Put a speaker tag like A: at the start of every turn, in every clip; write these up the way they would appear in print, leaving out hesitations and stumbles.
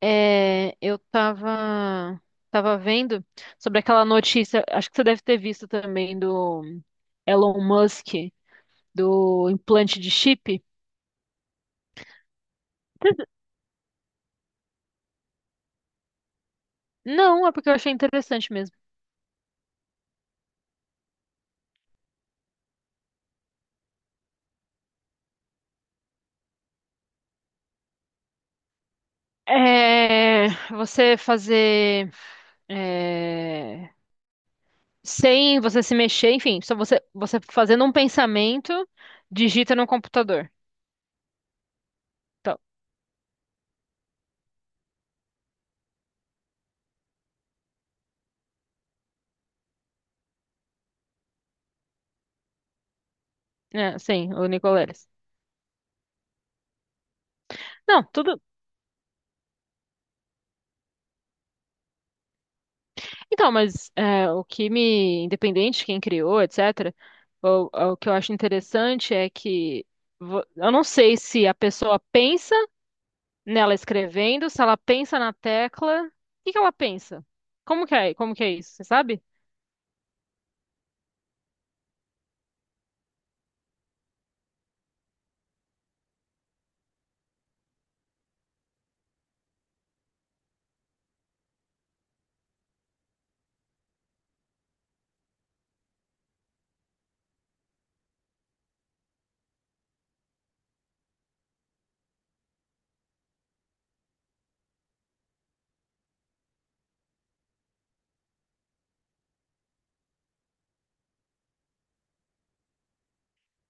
A: É, eu tava vendo sobre aquela notícia, acho que você deve ter visto também do Elon Musk, do implante de chip. Não, é porque eu achei interessante mesmo. É, você fazer, é, sem você se mexer, enfim, só você fazendo um pensamento, digita no computador. Então, sim, o Nicoleles. Não, tudo. Então, mas independente de quem criou, etc., o que eu acho interessante é que eu não sei se a pessoa pensa nela escrevendo, se ela pensa na tecla, o que que ela pensa? Como que é isso, você sabe?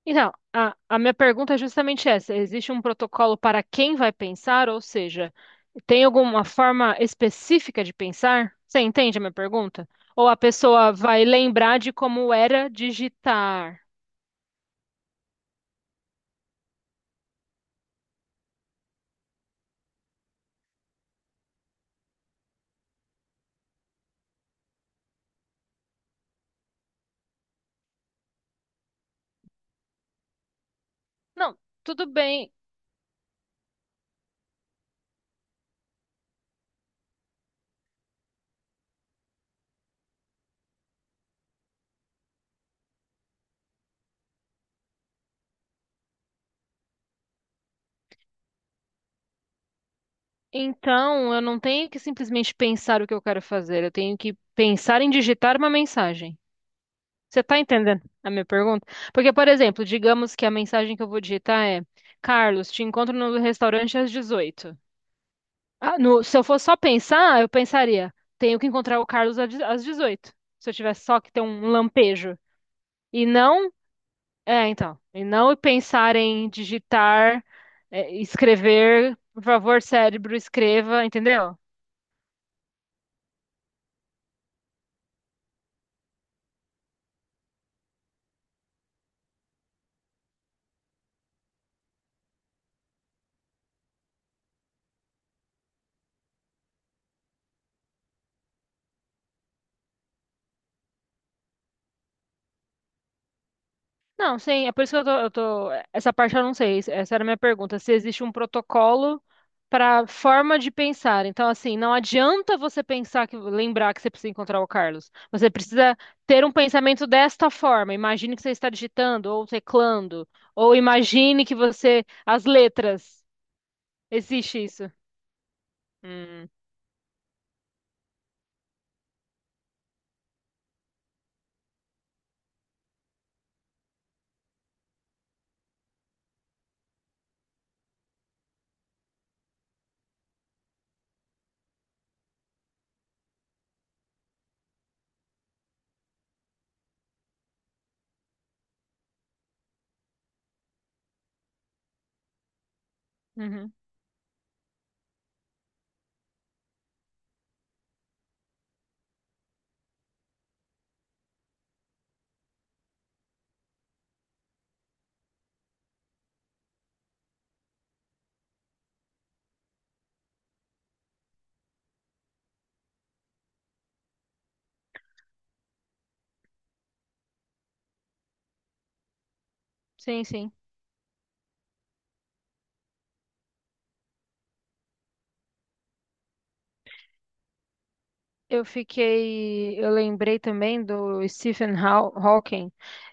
A: Então, a minha pergunta é justamente essa: existe um protocolo para quem vai pensar, ou seja, tem alguma forma específica de pensar? Você entende a minha pergunta? Ou a pessoa vai lembrar de como era digitar? Não, tudo bem. Então, eu não tenho que simplesmente pensar o que eu quero fazer, eu tenho que pensar em digitar uma mensagem. Você tá entendendo a minha pergunta? Porque, por exemplo, digamos que a mensagem que eu vou digitar é: Carlos, te encontro no restaurante às 18h. Ah, se eu fosse só pensar, eu pensaria: tenho que encontrar o Carlos às 18h. Se eu tivesse só que ter um lampejo. E não, então, e não pensar em digitar, escrever, por favor, cérebro, escreva, entendeu? Não, sim, é por isso que eu tô- essa parte eu não sei. Essa era a minha pergunta. Se existe um protocolo para forma de pensar. Então, assim, não adianta você pensar que lembrar que você precisa encontrar o Carlos. Você precisa ter um pensamento desta forma. Imagine que você está digitando ou teclando, ou imagine que você as letras. Existe isso. Hum. Uhum. Sim, sim. Eu fiquei, eu lembrei também do Stephen Hawking.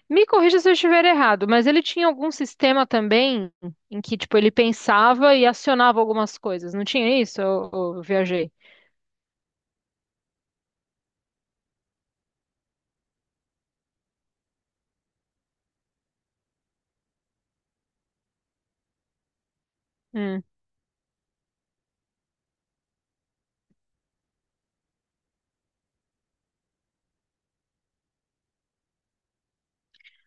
A: Me corrija se eu estiver errado, mas ele tinha algum sistema também em que, tipo, ele pensava e acionava algumas coisas. Não tinha isso? Eu viajei. Hum,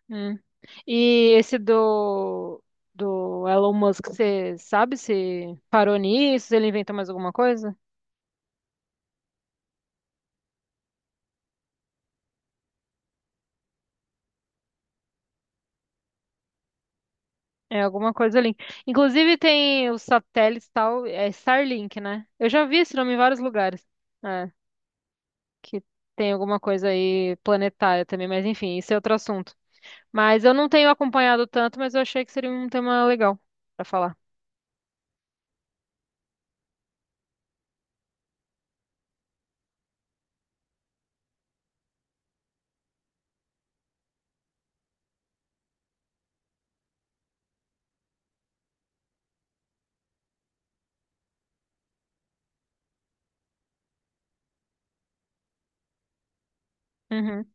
A: hum. E esse do Elon Musk, você sabe se parou nisso? Se ele inventou mais alguma coisa? É alguma coisa ali. Inclusive tem os satélites tal, é Starlink, né? Eu já vi esse nome em vários lugares. É. Que tem alguma coisa aí planetária também, mas enfim, isso é outro assunto. Mas eu não tenho acompanhado tanto, mas eu achei que seria um tema legal pra falar. Uhum.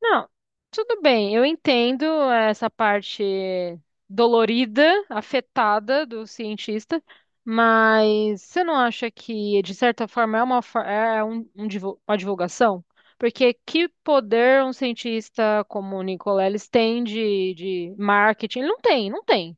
A: Não, tudo bem, eu entendo essa parte dolorida, afetada do cientista, mas você não acha que, de certa forma, é uma, for- é é um, um divu- uma divulgação? Porque que poder um cientista como o Nicoleles tem de marketing? Ele não tem, não tem.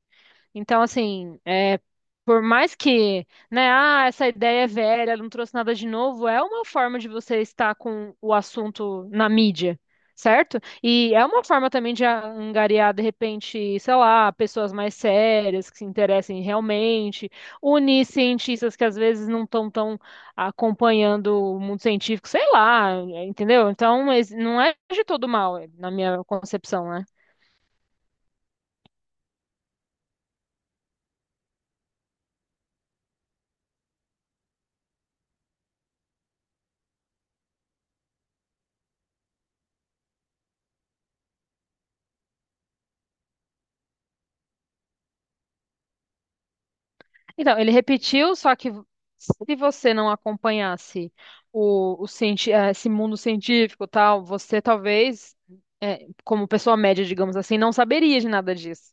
A: Então, assim, por mais que, né, ah, essa ideia é velha, ela não trouxe nada de novo, é uma forma de você estar com o assunto na mídia, certo? E é uma forma também de angariar, de repente, sei lá, pessoas mais sérias que se interessem realmente, unir cientistas que às vezes não estão tão acompanhando o mundo científico, sei lá, entendeu? Então, mas não é de todo mal, na minha concepção, né? Então, ele repetiu, só que se você não acompanhasse esse mundo científico, e tal, você talvez, como pessoa média, digamos assim, não saberia de nada disso.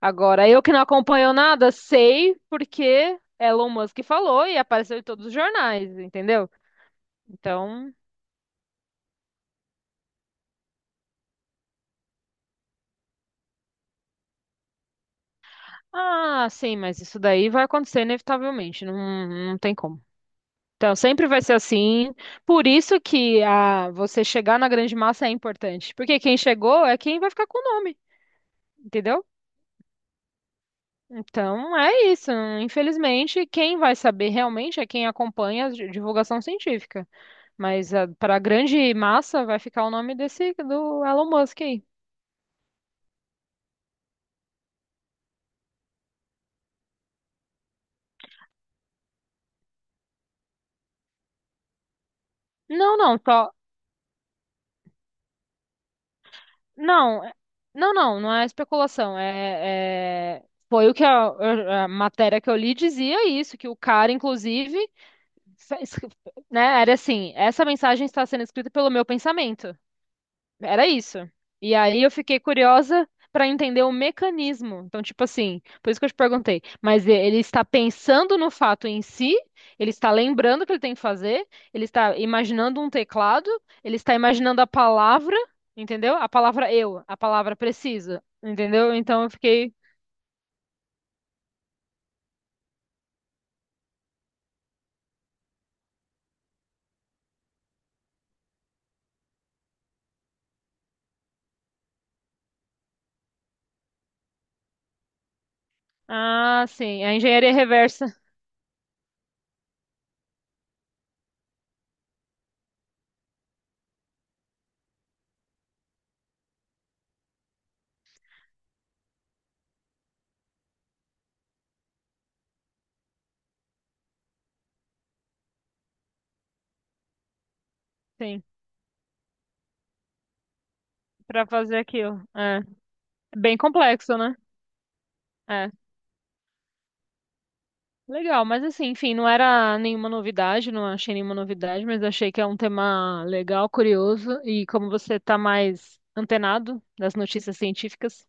A: Agora, eu que não acompanho nada, sei porque Elon Musk falou e apareceu em todos os jornais, entendeu? Então, ah, sim, mas isso daí vai acontecer inevitavelmente, não, não tem como. Então, sempre vai ser assim. Por isso que você chegar na grande massa é importante. Porque quem chegou é quem vai ficar com o nome, entendeu? Então, é isso. Infelizmente, quem vai saber realmente é quem acompanha a divulgação científica. Mas para a grande massa vai ficar o nome desse do Elon Musk aí. Não, não, só. Não, não, não, não é especulação. Foi o que a matéria que eu li dizia isso, que o cara, inclusive. Sa- es- Né? Era assim, essa mensagem está sendo escrita pelo meu pensamento. Era isso. E aí eu fiquei curiosa para entender o mecanismo. Então, tipo assim, por isso que eu te perguntei. Mas ele está pensando no fato em si, ele está lembrando o que ele tem que fazer, ele está imaginando um teclado, ele está imaginando a palavra, entendeu? A palavra eu, a palavra preciso, entendeu? Então eu fiquei, ah, sim, a engenharia reversa, sim, para fazer aquilo. É bem complexo, né? É. Legal, mas assim, enfim, não era nenhuma novidade, não achei nenhuma novidade, mas achei que é um tema legal, curioso, e como você está mais antenado das notícias científicas,